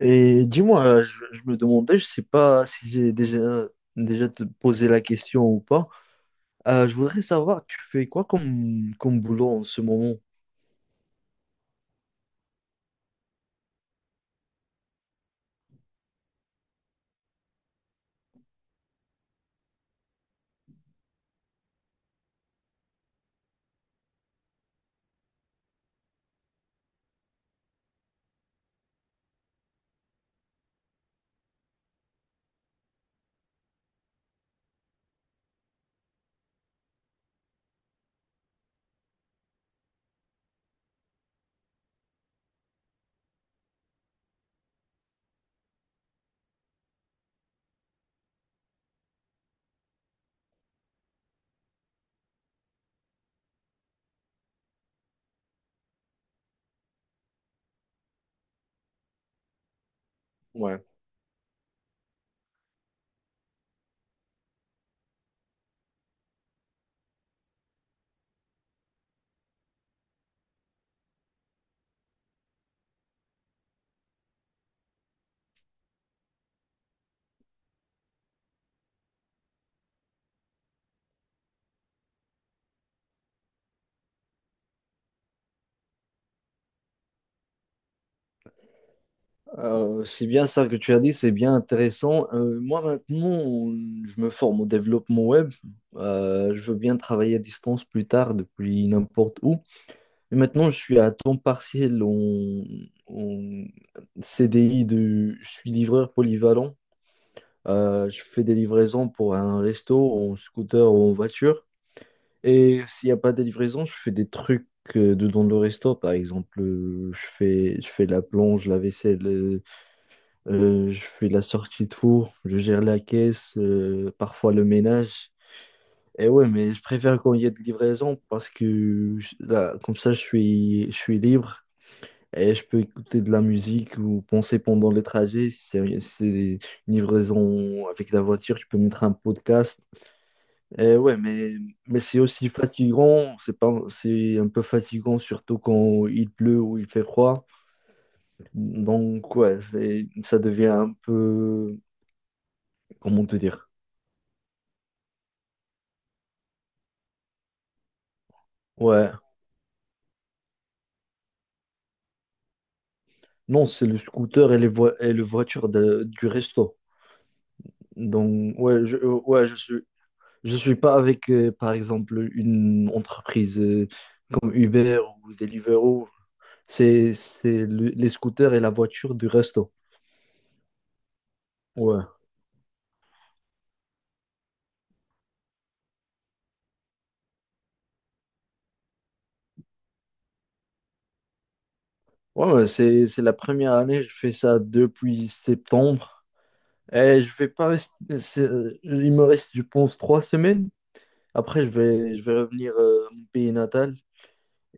Et dis-moi, je me demandais, je sais pas si j'ai déjà te posé la question ou pas. Je voudrais savoir, tu fais quoi comme boulot en ce moment? Ouais. C'est bien ça que tu as dit, c'est bien intéressant. Moi maintenant, je me forme au développement web. Je veux bien travailler à distance plus tard depuis n'importe où. Mais maintenant, je suis à temps partiel en CDI de, je suis livreur polyvalent. Je fais des livraisons pour un resto, en scooter ou en voiture. Et s'il n'y a pas de livraison, je fais des trucs dedans le resto. Par exemple, je fais la plonge, la vaisselle, je fais la sortie de four, je gère la caisse, parfois le ménage. Et ouais, mais je préfère quand il y a de livraison parce que là, comme ça, je suis libre. Et je peux écouter de la musique ou penser pendant les trajets. Si c'est une livraison avec la voiture, je peux mettre un podcast. Et ouais, mais c'est aussi fatigant. C'est pas, c'est un peu fatigant, surtout quand il pleut ou il fait froid. Donc, ouais, c'est, ça devient un peu. Comment te dire? Ouais. Non, c'est le scooter et et du resto. Donc, ouais, ouais, je suis. Je suis pas avec, par exemple, une entreprise. Comme Uber ou Deliveroo. C'est les scooters et la voiture du resto. Ouais. Ouais, ouais, c'est la première année, je fais ça depuis septembre. Et je vais pas rester. Il me reste, je pense, 3 semaines. Après, je vais revenir à mon pays natal,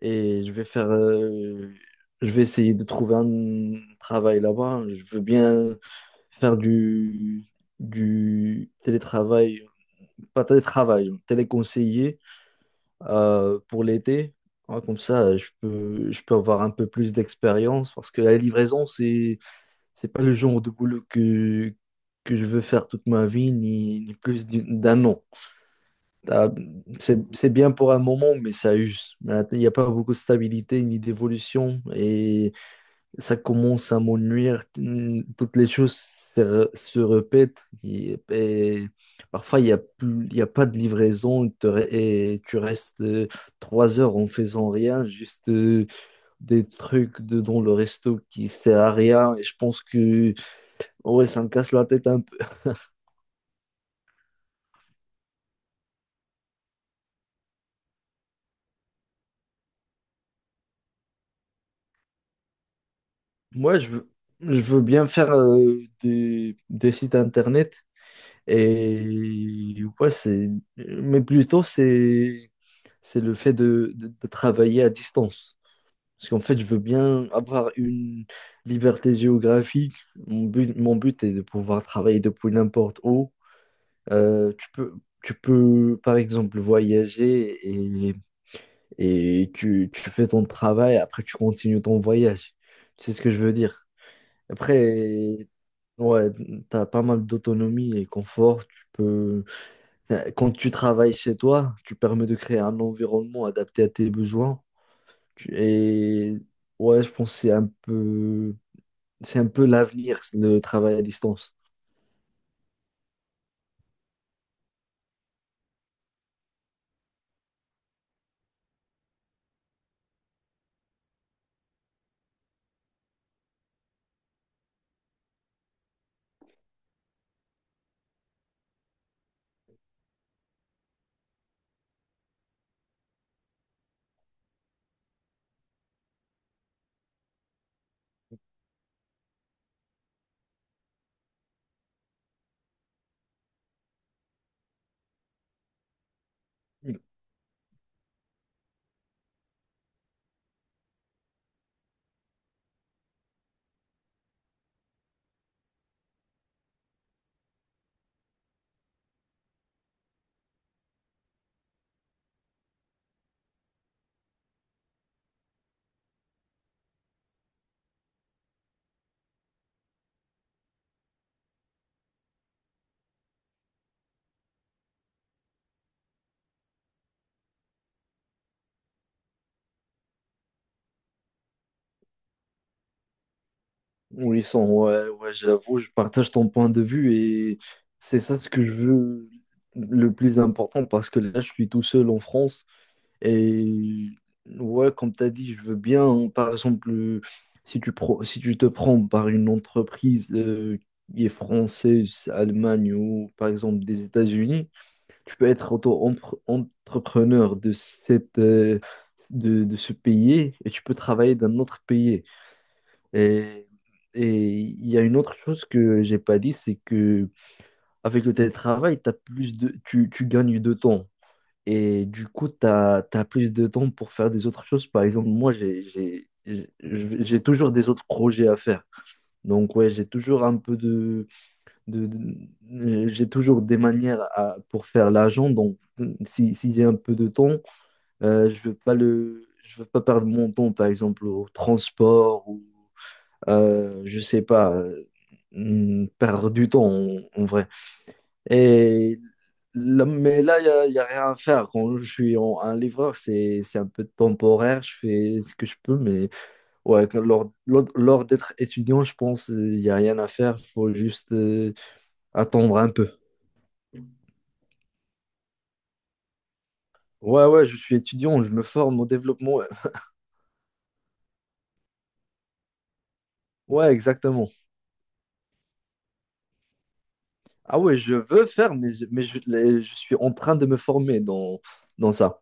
et je vais faire, je vais essayer de trouver un travail là-bas. Je veux bien faire du télétravail, pas télétravail, téléconseiller pour l'été. Ouais, comme ça, je peux avoir un peu plus d'expérience parce que la livraison, c'est pas le genre de boulot que je veux faire toute ma vie, ni plus d'un an. T'as- c'est bien pour un moment, mais ça use. Il n'y a pas beaucoup de stabilité ni d'évolution. Et ça commence à m'ennuyer. Toutes les choses se répètent. Et parfois, il n'y a plus, il y a pas de livraison. Et tu restes 3 heures en faisant rien, juste des trucs de, dans le resto qui sert à rien. Et je pense que ouais, ça me casse la tête un peu. Moi, je veux bien faire des sites internet. Et ouais, c'est, mais plutôt c'est le fait de travailler à distance. Parce qu'en fait, je veux bien avoir une liberté géographique. Mon but est de pouvoir travailler depuis n'importe où. Euh, tu peux, Tu peux, par exemple, voyager et tu fais ton travail, après tu continues ton voyage. Tu sais ce que je veux dire? Après, ouais, t'as pas mal d'autonomie et confort. Tu peux Quand tu travailles chez toi, tu permets de créer un environnement adapté à tes besoins. Et ouais, je pense que c'est un peu l'avenir, le travail à distance. Oui, ouais, ouais, j'avoue, je partage ton point de vue et c'est ça ce que je veux le plus important parce que là, je suis tout seul en France. Et ouais, comme tu as dit, je veux bien, hein, par exemple, si tu te prends par une entreprise qui est française, Allemagne ou par exemple des États-Unis, tu peux être auto-entrepreneur de ce pays et tu peux travailler d'un autre pays. Et, et il y a une autre chose que j'ai pas dit, c'est que avec le télétravail, t'as plus tu gagnes de temps. Et du coup, tu as, plus de temps pour faire des autres choses. Par exemple, moi, j'ai toujours des autres projets à faire. Donc, ouais, j'ai toujours un peu j'ai toujours des manières pour faire l'argent. Donc, si j'ai un peu de temps, je veux pas perdre mon temps, par exemple, au transport ou je sais pas, perdre du temps en vrai. Et mais là, y a rien à faire. Quand je suis un livreur, c'est un peu temporaire, je fais ce que je peux, mais ouais, lors d'être étudiant, je pense il n'y a rien à faire, faut juste attendre un peu. Ouais, ouais, je suis étudiant, je me forme au développement. Ouais. Ouais, exactement. Ah ouais, je veux faire, mais, je suis en train de me former dans ça.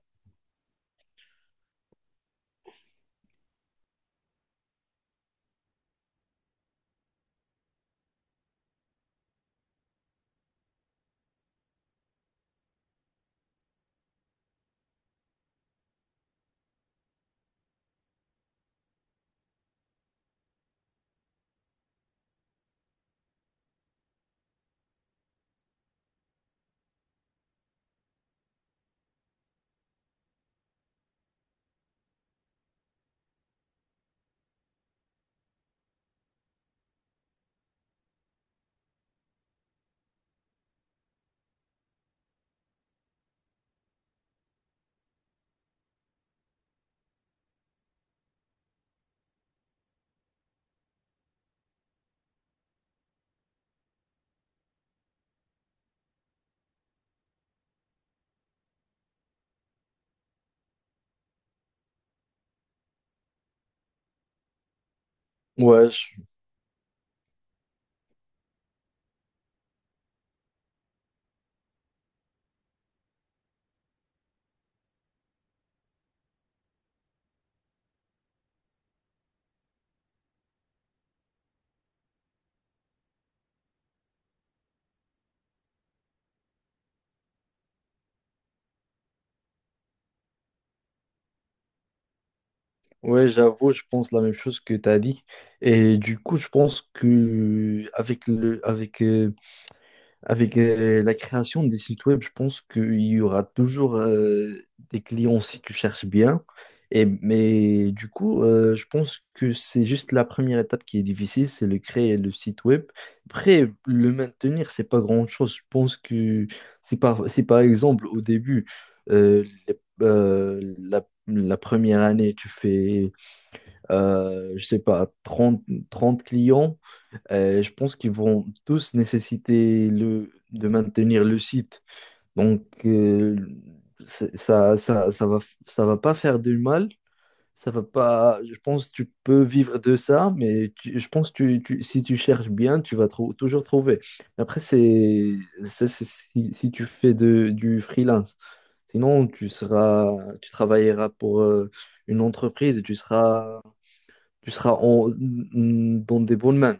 Ouais, je. Ouais, j'avoue, je pense la même chose que tu as dit. Et du coup, je pense que avec la création des sites web, je pense qu'il y aura toujours des clients si tu cherches bien. Et, mais du coup, je pense que c'est juste la première étape qui est difficile, c'est le créer le site web. Après, le maintenir, c'est pas grand-chose. Je pense que c'est par exemple au début, euh, les- euh, la la première année, tu fais je sais pas, 30 30 clients. Je pense qu'ils vont tous nécessiter de maintenir le site. Donc, c'est- ça, ça, ça va, ça va pas faire du mal. Ça va pas, je pense que tu peux vivre de ça, mais je pense que si tu cherches bien, tu vas toujours trouver. Après, c'est si tu fais du freelance. Sinon, tu travailleras pour une entreprise et tu seras en- dans des bonnes mains.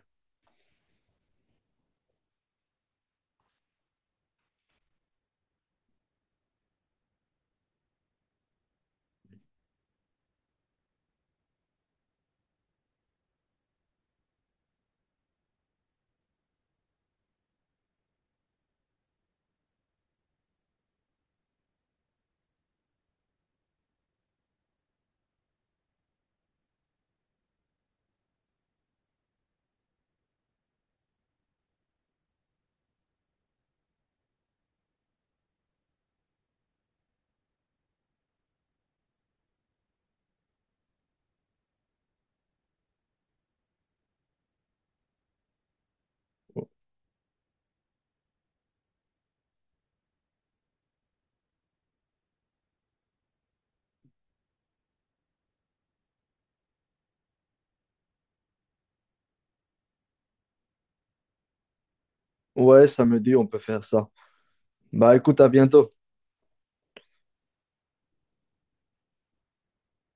Ouais, ça me dit, on peut faire ça. Bah écoute, à bientôt.